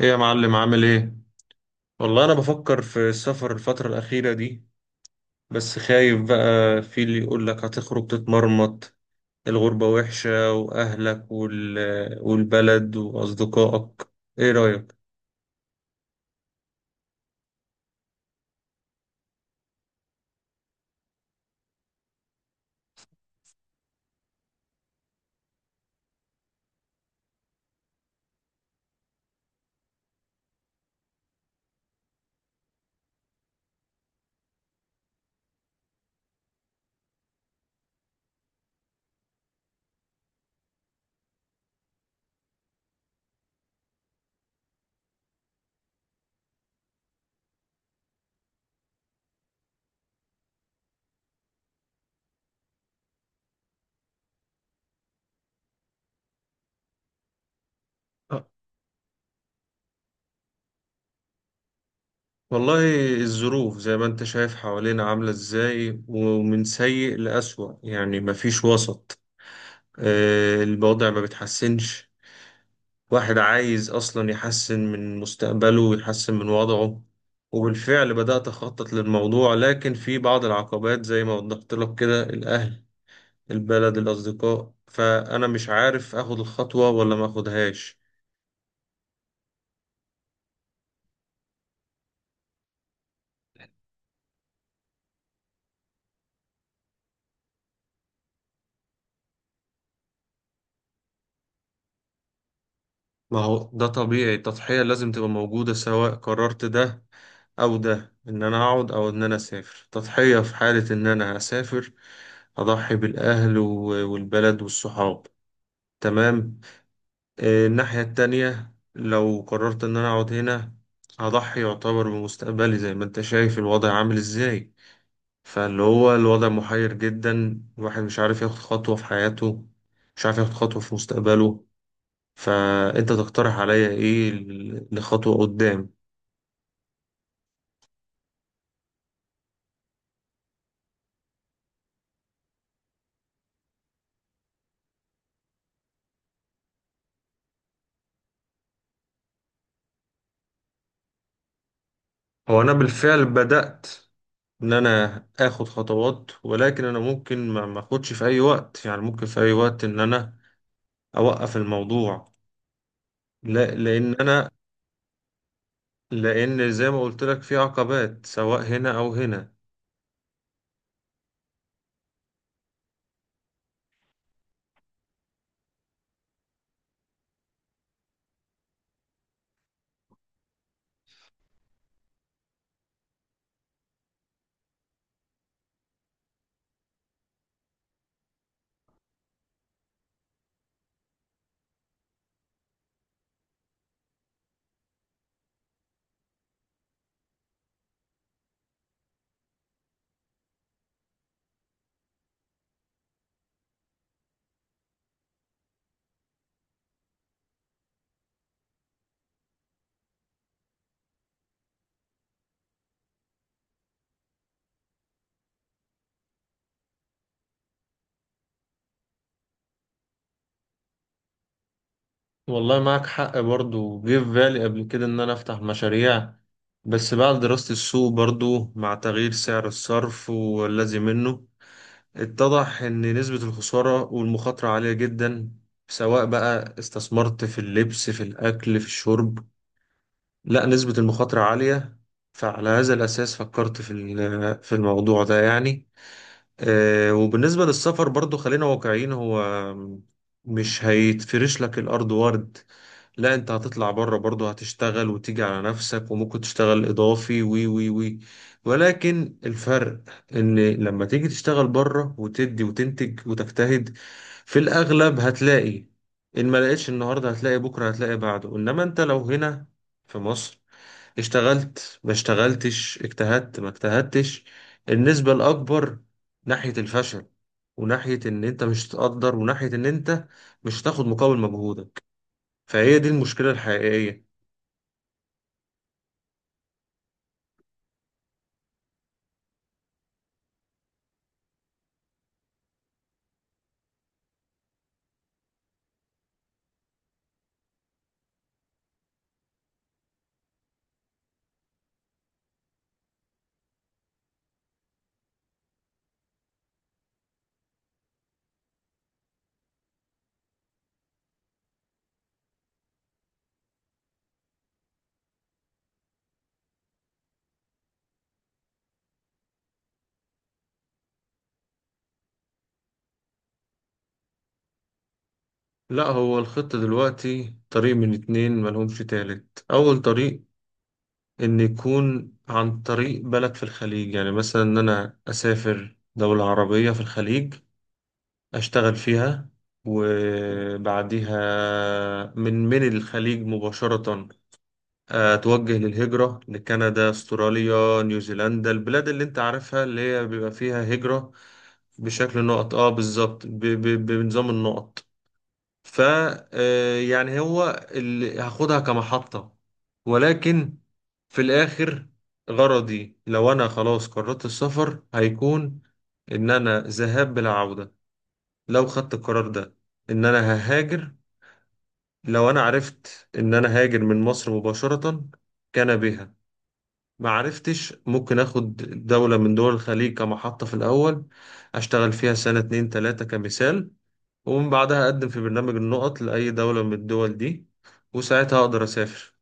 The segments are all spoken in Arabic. ايه يا معلم؟ عامل ايه؟ والله انا بفكر في السفر الفترة الأخيرة دي، بس خايف. بقى في اللي يقول لك هتخرج تتمرمط، الغربة وحشة وأهلك والبلد وأصدقائك. ايه رأيك؟ آه، والله الظروف زي ما انت شايف حوالينا عاملة ازاي، ومن سيء لأسوأ يعني، مفيش وسط. الوضع ما بيتحسنش. واحد عايز أصلا يحسن من مستقبله ويحسن من وضعه، وبالفعل بدأت أخطط للموضوع، لكن في بعض العقبات زي ما وضحت لك كده: الأهل، البلد، الأصدقاء، فأنا مش عارف أخد الخطوة ولا ما أخدهاش. ما هو ده طبيعي، التضحية لازم تبقى موجودة سواء قررت ده أو ده، إن أنا أقعد أو إن أنا أسافر. تضحية في حالة إن أنا هسافر: أضحي بالأهل والبلد والصحاب، تمام. الناحية التانية لو قررت إن أنا أقعد هنا، هضحي يعتبر بمستقبلي زي ما أنت شايف الوضع عامل إزاي. فاللي هو الوضع محير جدا، الواحد مش عارف ياخد خطوة في حياته، مش عارف ياخد خطوة في مستقبله. فأنت تقترح عليا إيه لخطوة قدام؟ هو أنا بالفعل بدأت إن أنا آخد خطوات، ولكن أنا ممكن ما أخدش في أي وقت، يعني ممكن في أي وقت إن أنا أوقف الموضوع. لا، لأن أنا، لأن زي ما قلت لك في عقبات سواء هنا أو هنا. والله معك حق، برضو جه في بالي قبل كده إن أنا أفتح مشاريع، بس بعد دراسة السوق برضو مع تغيير سعر الصرف والذي منه، اتضح إن نسبة الخسارة والمخاطرة عالية جدا، سواء بقى استثمرت في اللبس، في الأكل، في الشرب، لا، نسبة المخاطرة عالية. فعلى هذا الأساس فكرت في في الموضوع ده يعني. وبالنسبة للسفر برضو خلينا واقعيين، هو مش هيتفرش لك الأرض ورد، لا، انت هتطلع بره برضه هتشتغل وتيجي على نفسك وممكن تشتغل اضافي وي وي وي، ولكن الفرق ان لما تيجي تشتغل بره وتدي وتنتج وتجتهد، في الاغلب هتلاقي ان ما لقيتش النهارده هتلاقي بكره، هتلاقي بعده. انما انت لو هنا في مصر، اشتغلت ما اشتغلتش، اجتهدت ما اجتهدتش، النسبة الأكبر ناحية الفشل، وناحية إن أنت مش تقدر، وناحية إن أنت مش هتاخد مقابل مجهودك. فهي دي المشكلة الحقيقية. لا، هو الخط دلوقتي طريق من اتنين، ملهمش تالت. أول طريق إن يكون عن طريق بلد في الخليج، يعني مثلا إن أنا أسافر دولة عربية في الخليج أشتغل فيها، وبعديها من الخليج مباشرة أتوجه للهجرة لكندا، أستراليا، نيوزيلندا، البلاد اللي أنت عارفها اللي هي بيبقى فيها هجرة بشكل نقط. اه بالظبط، بنظام النقط. ف يعني هو اللي هاخدها كمحطة، ولكن في الآخر غرضي لو أنا خلاص قررت السفر هيكون إن أنا ذهاب بلا عودة. لو خدت القرار ده إن أنا ههاجر، لو أنا عرفت إن أنا هاجر من مصر مباشرة كان بها، ما عرفتش. ممكن أخد دولة من دول الخليج كمحطة في الأول، أشتغل فيها سنة 2 3 كمثال، ومن بعدها أقدم في برنامج النقط لأي دولة من الدول دي، وساعتها أقدر أسافر.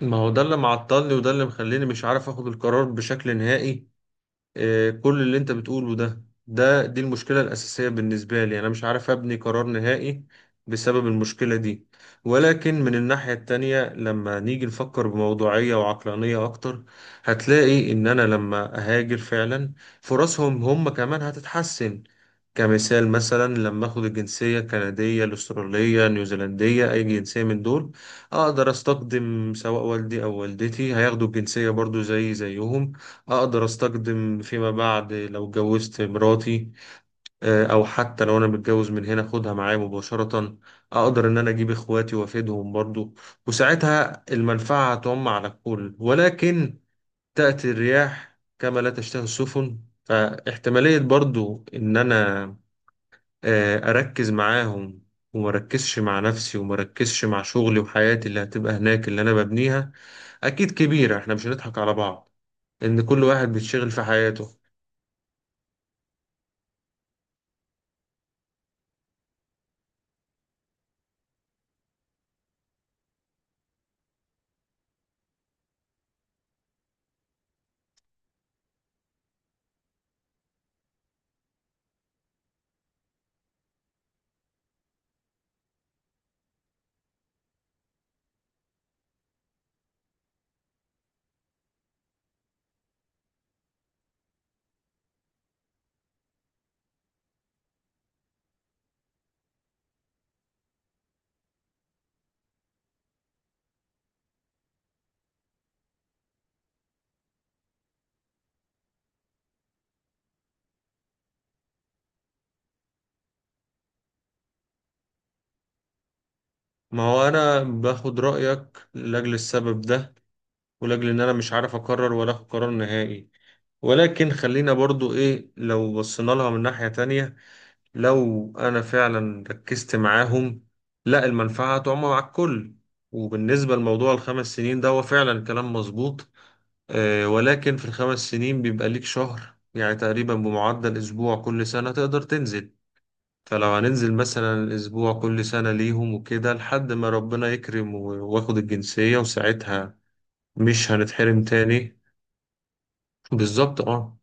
ما هو ده اللي معطلني، وده اللي مخليني مش عارف أخد القرار بشكل نهائي. كل اللي أنت بتقوله ده دي المشكلة الأساسية بالنسبة لي. أنا مش عارف أبني قرار نهائي بسبب المشكلة دي. ولكن من الناحية التانية لما نيجي نفكر بموضوعية وعقلانية أكتر، هتلاقي إن أنا لما أهاجر فعلا، فرصهم هم كمان هتتحسن. كمثال مثلا، لما اخد الجنسية الكندية، الاسترالية، نيوزيلندية، اي جنسية من دول، اقدر استخدم سواء والدي او والدتي هياخدوا الجنسية برضو زي زيهم. اقدر استخدم فيما بعد لو اتجوزت، مراتي او حتى لو انا متجوز من هنا اخدها معايا مباشرة. اقدر ان انا اجيب اخواتي وافيدهم برضو، وساعتها المنفعة هتعم على الكل. ولكن تأتي الرياح كما لا تشتهي السفن، فاحتمالية برضو ان انا أركز معاهم وما أركزش مع نفسي، وما أركزش مع شغلي وحياتي اللي هتبقى هناك اللي أنا ببنيها، أكيد كبيرة. إحنا مش هنضحك على بعض، إن كل واحد بيتشغل في حياته. ما هو أنا باخد رأيك لأجل السبب ده، ولأجل إن أنا مش عارف أقرر ولا أخد قرار نهائي. ولكن خلينا برضو إيه، لو بصينا لها من ناحية تانية، لو أنا فعلا ركزت معاهم، لا، المنفعة تعم مع الكل. وبالنسبة لموضوع ال5 سنين ده، هو فعلا كلام مظبوط. ولكن في ال5 سنين بيبقى ليك شهر يعني تقريبا، بمعدل أسبوع كل سنة تقدر تنزل. فلو هننزل مثلا أسبوع كل سنة ليهم وكده لحد ما ربنا يكرم واخد الجنسية، وساعتها مش هنتحرم تاني. بالظبط، اه.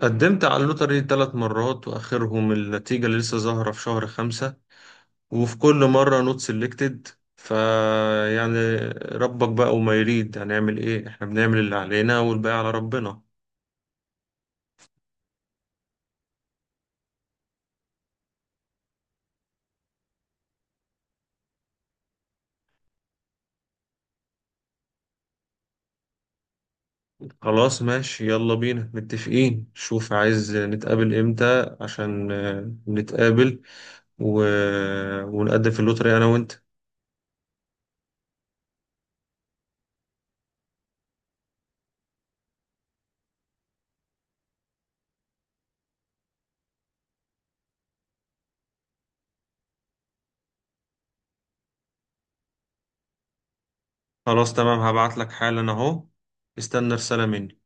قدمت على اللوتري 3 مرات، وآخرهم النتيجة اللي لسه ظاهرة في شهر 5، وفي كل مرة نوت سيلكتد. فيعني ربك بقى وما يريد، هنعمل ايه، احنا بنعمل اللي علينا والباقي على ربنا. خلاص ماشي، يلا بينا، متفقين. شوف عايز نتقابل امتى عشان نتقابل و... ونقدم في اللوتري انا وانت. خلاص تمام، هبعت لك حالا اهو، استنى رسالة مني.